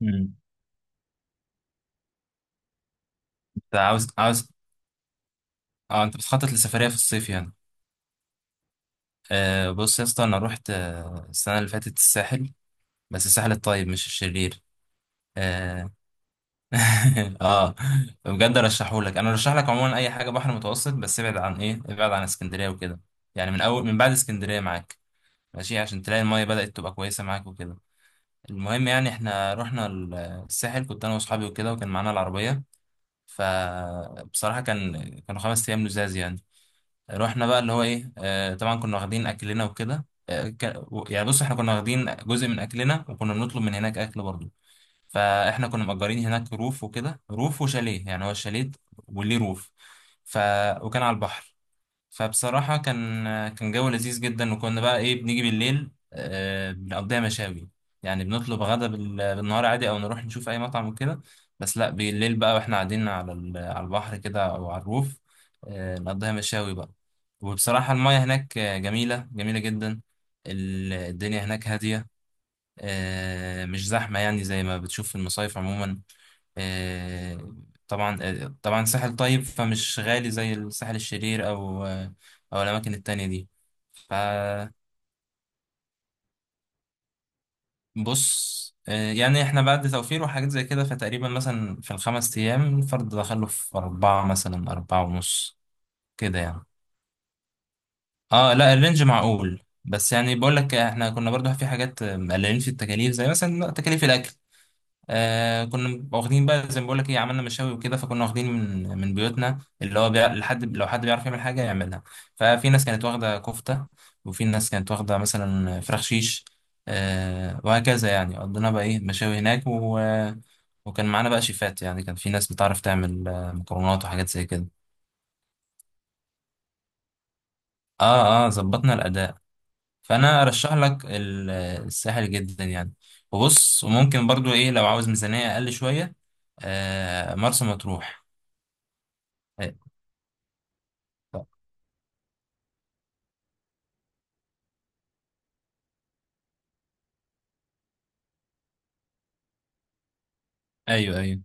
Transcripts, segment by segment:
مم. انت عاوز عاوز اه انت بتخطط لسفرية في الصيف يعني. بص يا اسطى، انا رحت السنة اللي فاتت الساحل، بس الساحل الطيب مش الشرير. اه, آه. بجد ارشحهولك، انا ارشح لك عموما اي حاجة بحر متوسط، بس ابعد عن ابعد عن اسكندرية وكده. يعني من بعد اسكندرية معاك ماشي، عشان تلاقي المية بدأت تبقى كويسة معاك وكده. المهم، يعني احنا رحنا الساحل، كنت انا واصحابي وكده وكان معانا العربية. فبصراحة كانوا 5 ايام لزاز يعني. رحنا بقى اللي هو ايه آه طبعا كنا واخدين اكلنا وكده، يعني بص، احنا كنا واخدين جزء من اكلنا وكنا بنطلب من هناك اكل برضه. فاحنا كنا مأجرين هناك روف وكده، روف وشاليه، يعني هو الشاليه وليه روف. ف وكان على البحر. فبصراحة كان جو لذيذ جدا، وكنا بقى بنيجي بالليل، بنقضيها مشاوي. يعني بنطلب غدا بالنهار عادي، أو نروح نشوف أي مطعم وكده. بس لأ، بالليل بقى وإحنا قاعدين على على البحر كده، أو على الروف، نقضيها مشاوي بقى. وبصراحة المياه هناك جميلة جميلة جدا. الدنيا هناك هادية، مش زحمة يعني زي ما بتشوف في المصايف عموما. آه، طبعا ساحل طيب، فمش غالي زي الساحل الشرير أو أو الأماكن التانية دي. فبص، يعني احنا بعد توفير وحاجات زي كده، فتقريبا مثلا في الخمس أيام الفرد دخله في أربعة، مثلا أربعة ونص كده يعني. اه لا، الرينج معقول، بس يعني بقول لك احنا كنا برضو في حاجات مقللين في التكاليف زي مثلا تكاليف الأكل. كنا واخدين بقى زي ما بقول لك، عملنا مشاوي وكده، فكنا واخدين من بيوتنا، اللي هو لحد لو حد بيعرف يعمل حاجه يعملها. ففي ناس كانت واخده كفته، وفي ناس كانت واخده مثلا فراخ شيش. وهكذا يعني قضينا بقى مشاوي هناك وكان معانا بقى شيفات، يعني كان في ناس بتعرف تعمل مكرونات وحاجات زي كده. اه اه، ظبطنا الاداء. فانا ارشح لك الساحل جدا يعني. وبص، وممكن برضو لو عاوز ميزانيه اقل شويه، مرسى مطروح. أي- طب. ايوه ايوه.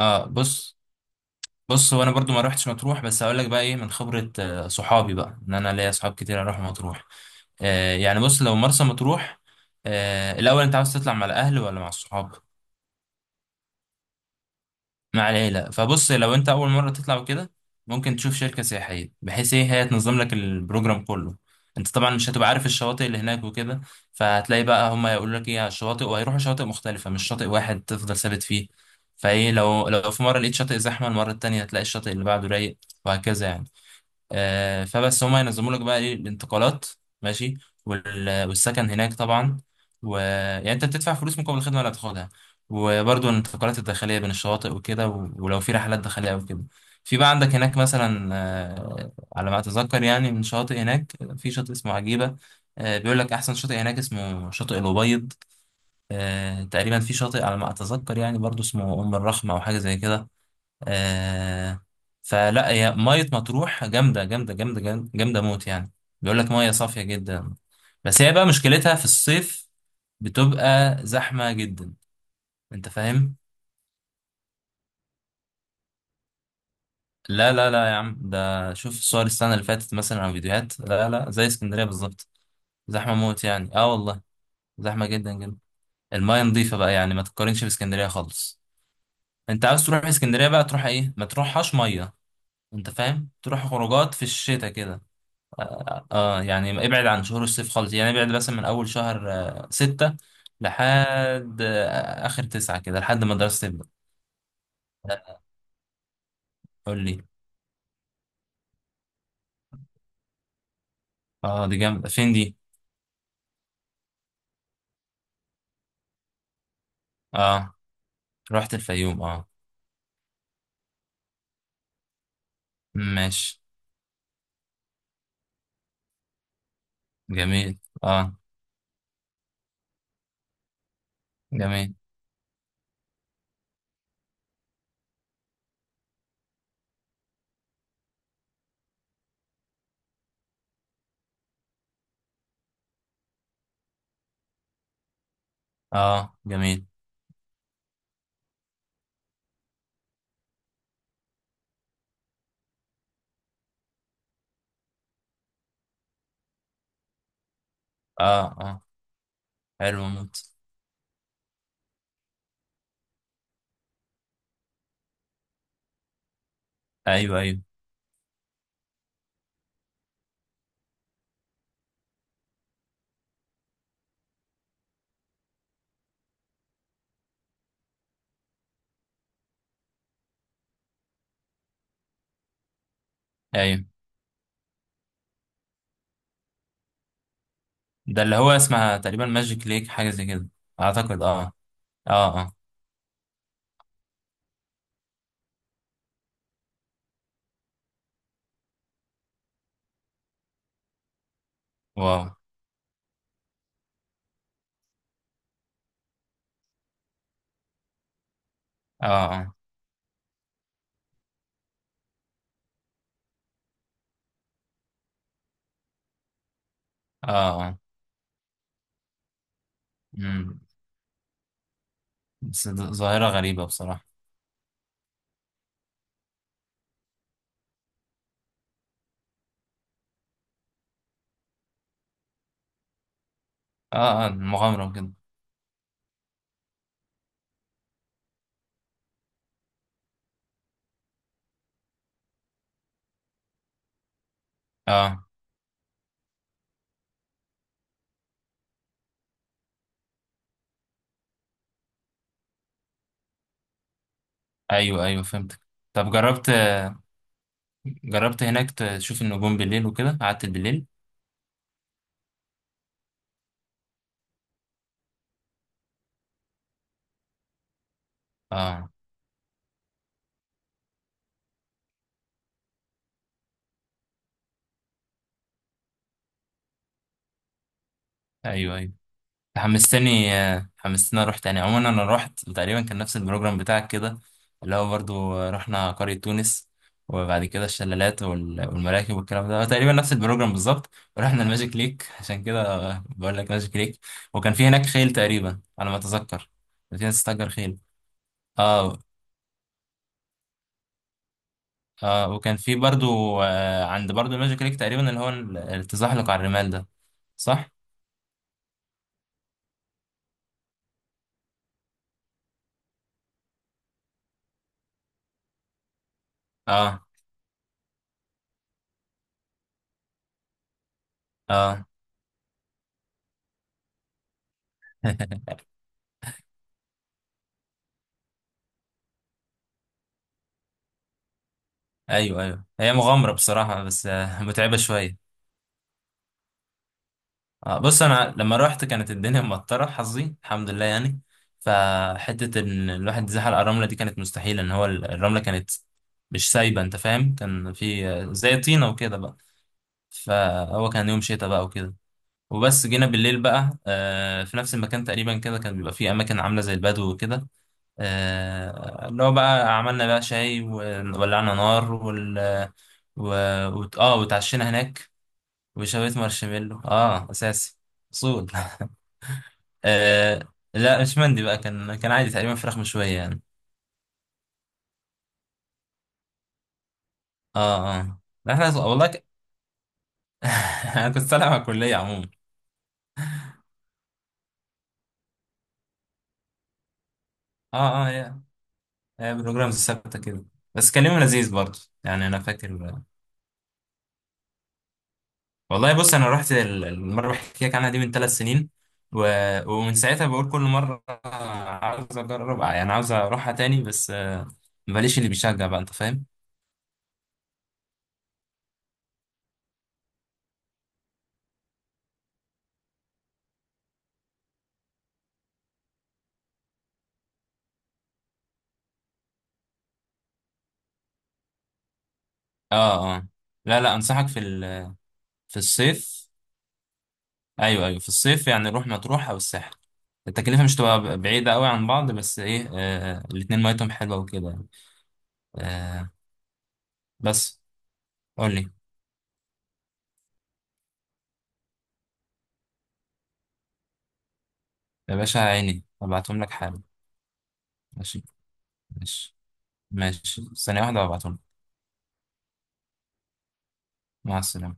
اه بص هو انا برضو ما روحتش مطروح، بس هقول لك بقى من خبره صحابي بقى، ان انا ليا صحاب كتير اروح مطروح. يعني بص، لو مرسى مطروح، الاول انت عاوز تطلع مع الاهل ولا مع الصحاب؟ مع العيلة، فبص لو انت اول مرة تطلع وكده، ممكن تشوف شركة سياحية بحيث هي تنظم لك البروجرام كله. انت طبعا مش هتبقى عارف الشواطئ اللي هناك وكده. فهتلاقي بقى هما يقولوا لك على الشواطئ، وهيروحوا شواطئ مختلفة، مش شاطئ واحد تفضل ثابت فيه. لو في مرة لقيت شاطئ زحمة، المرة التانية هتلاقي الشاطئ اللي بعده رايق، وهكذا يعني. فبس هما ينظموا لك بقى الانتقالات ماشي، والسكن هناك طبعا. و يعني انت بتدفع فلوس مقابل الخدمه اللي هتاخدها، وبرضه الانتقالات الداخليه بين الشواطئ وكده ولو في رحلات داخليه او كده. في بقى عندك هناك مثلا، على ما اتذكر يعني، من شاطئ هناك في شاطئ اسمه عجيبه. بيقول لك احسن شاطئ هناك اسمه شاطئ الابيض. تقريبا في شاطئ على ما اتذكر يعني برضه اسمه ام الرخمه او حاجه زي كده. آه فلا، هي مية مطروح جامدة جامدة جامدة جامدة جامدة موت يعني. بيقول لك مية صافية جدا، بس هي بقى مشكلتها في الصيف بتبقى زحمة جدا. انت فاهم؟ لا لا لا يا عم، ده شوف الصور السنة اللي فاتت مثلا او فيديوهات، لا لا زي اسكندرية بالظبط. زحمة موت يعني، اه والله، زحمة جدا جدا. المية نظيفة بقى يعني ما تقارنش باسكندرية خالص. انت عاوز تروح اسكندرية بقى تروح ايه؟ ما تروحهاش مية. انت فاهم؟ تروح خروجات في الشتاء كده. يعني ابعد عن شهور الصيف خالص، يعني ابعد مثلا من اول شهر 6، لحد اخر 9 كده لحد ما الدراسة تبدأ. لا، قول لي. اه، دي جامدة فين دي؟ اه، رحت الفيوم اه. ماشي. جميل. اه. جميل. اه. جميل. اه. اه. حلو موت. ايوه ايوه ايوه. ده اللي هو اسمها تقريبا ماجيك ليك، حاجة زي كده اعتقد. اه. اه. اه. واو. اه. اه. اه. اه. مم. بس ده ظاهرة غريبة بصراحة. اه اه، مغامرة كده. اه، ايوه ايوه فهمتك. طب، جربت هناك تشوف النجوم بالليل وكده، قعدت بالليل؟ اه، ايوه ايوه. حمستني اروح تاني. عموما انا رحت تقريبا كان نفس البروجرام بتاعك كده، اللي هو برضو رحنا قرية تونس، وبعد كده الشلالات والمراكب والكلام ده، تقريبا نفس البروجرام بالظبط. ورحنا الماجيك ليك عشان كده، بقول لك ماجيك ليك. وكان في هناك خيل تقريبا على ما اتذكر، كان في ناس تستأجر خيل. اه اه. وكان في برضو عند برضو الماجيك ليك تقريبا اللي هو التزحلق على الرمال ده. صح؟ اه. اه. ايوه ايوه، هي مغامرة بصراحة، بس متعبة شوية. بص، انا لما رحت كانت الدنيا مطرة، حظي الحمد لله يعني. فحتة ان الواحد يزحل على الرملة دي كانت مستحيلة، ان هو الرملة كانت مش سايبة، انت فاهم؟ كان في زي طينة وكده بقى. فهو كان يوم شتاء بقى وكده. وبس جينا بالليل بقى في نفس المكان تقريبا كده، كان بيبقى فيه اماكن عاملة زي البدو وكده، اللي هو بقى عملنا بقى شاي وولعنا نار وال و... وت- اه وتعشينا هناك. وشوية مارشميلو اساسي. اصول. آه لا، مش مندي بقى، كان عادي تقريبا فراخ مشوية يعني. اه اه، لا، احنا والله انا كنت طالع مع الكلية عموما. اه اه، هي بروجرامز ثابتة كده. بس كان يوم لذيذ برضه يعني، انا فاكر. والله بص، انا رحت المره اللي بحكي لك عنها دي من 3 سنين، و... ومن ساعتها بقول كل مره عاوز اجرب يعني، عاوز اروحها تاني، بس ماليش اللي بيشجع بقى، انت فاهم. اه اه. لا لا، انصحك في الصيف. ايوه ايوه، في الصيف. يعني نروح مطروح او الساحل، التكلفه مش تبقى بعيده قوي عن بعض، بس ايه آه الاتنين ميتهم حلوه وكده يعني. آه بس قول لي. يا باشا عيني، ابعتهم لك حالا. ماشي. ماشي. ماشي، ثانيه واحده وابعتهم لك. مع السلامه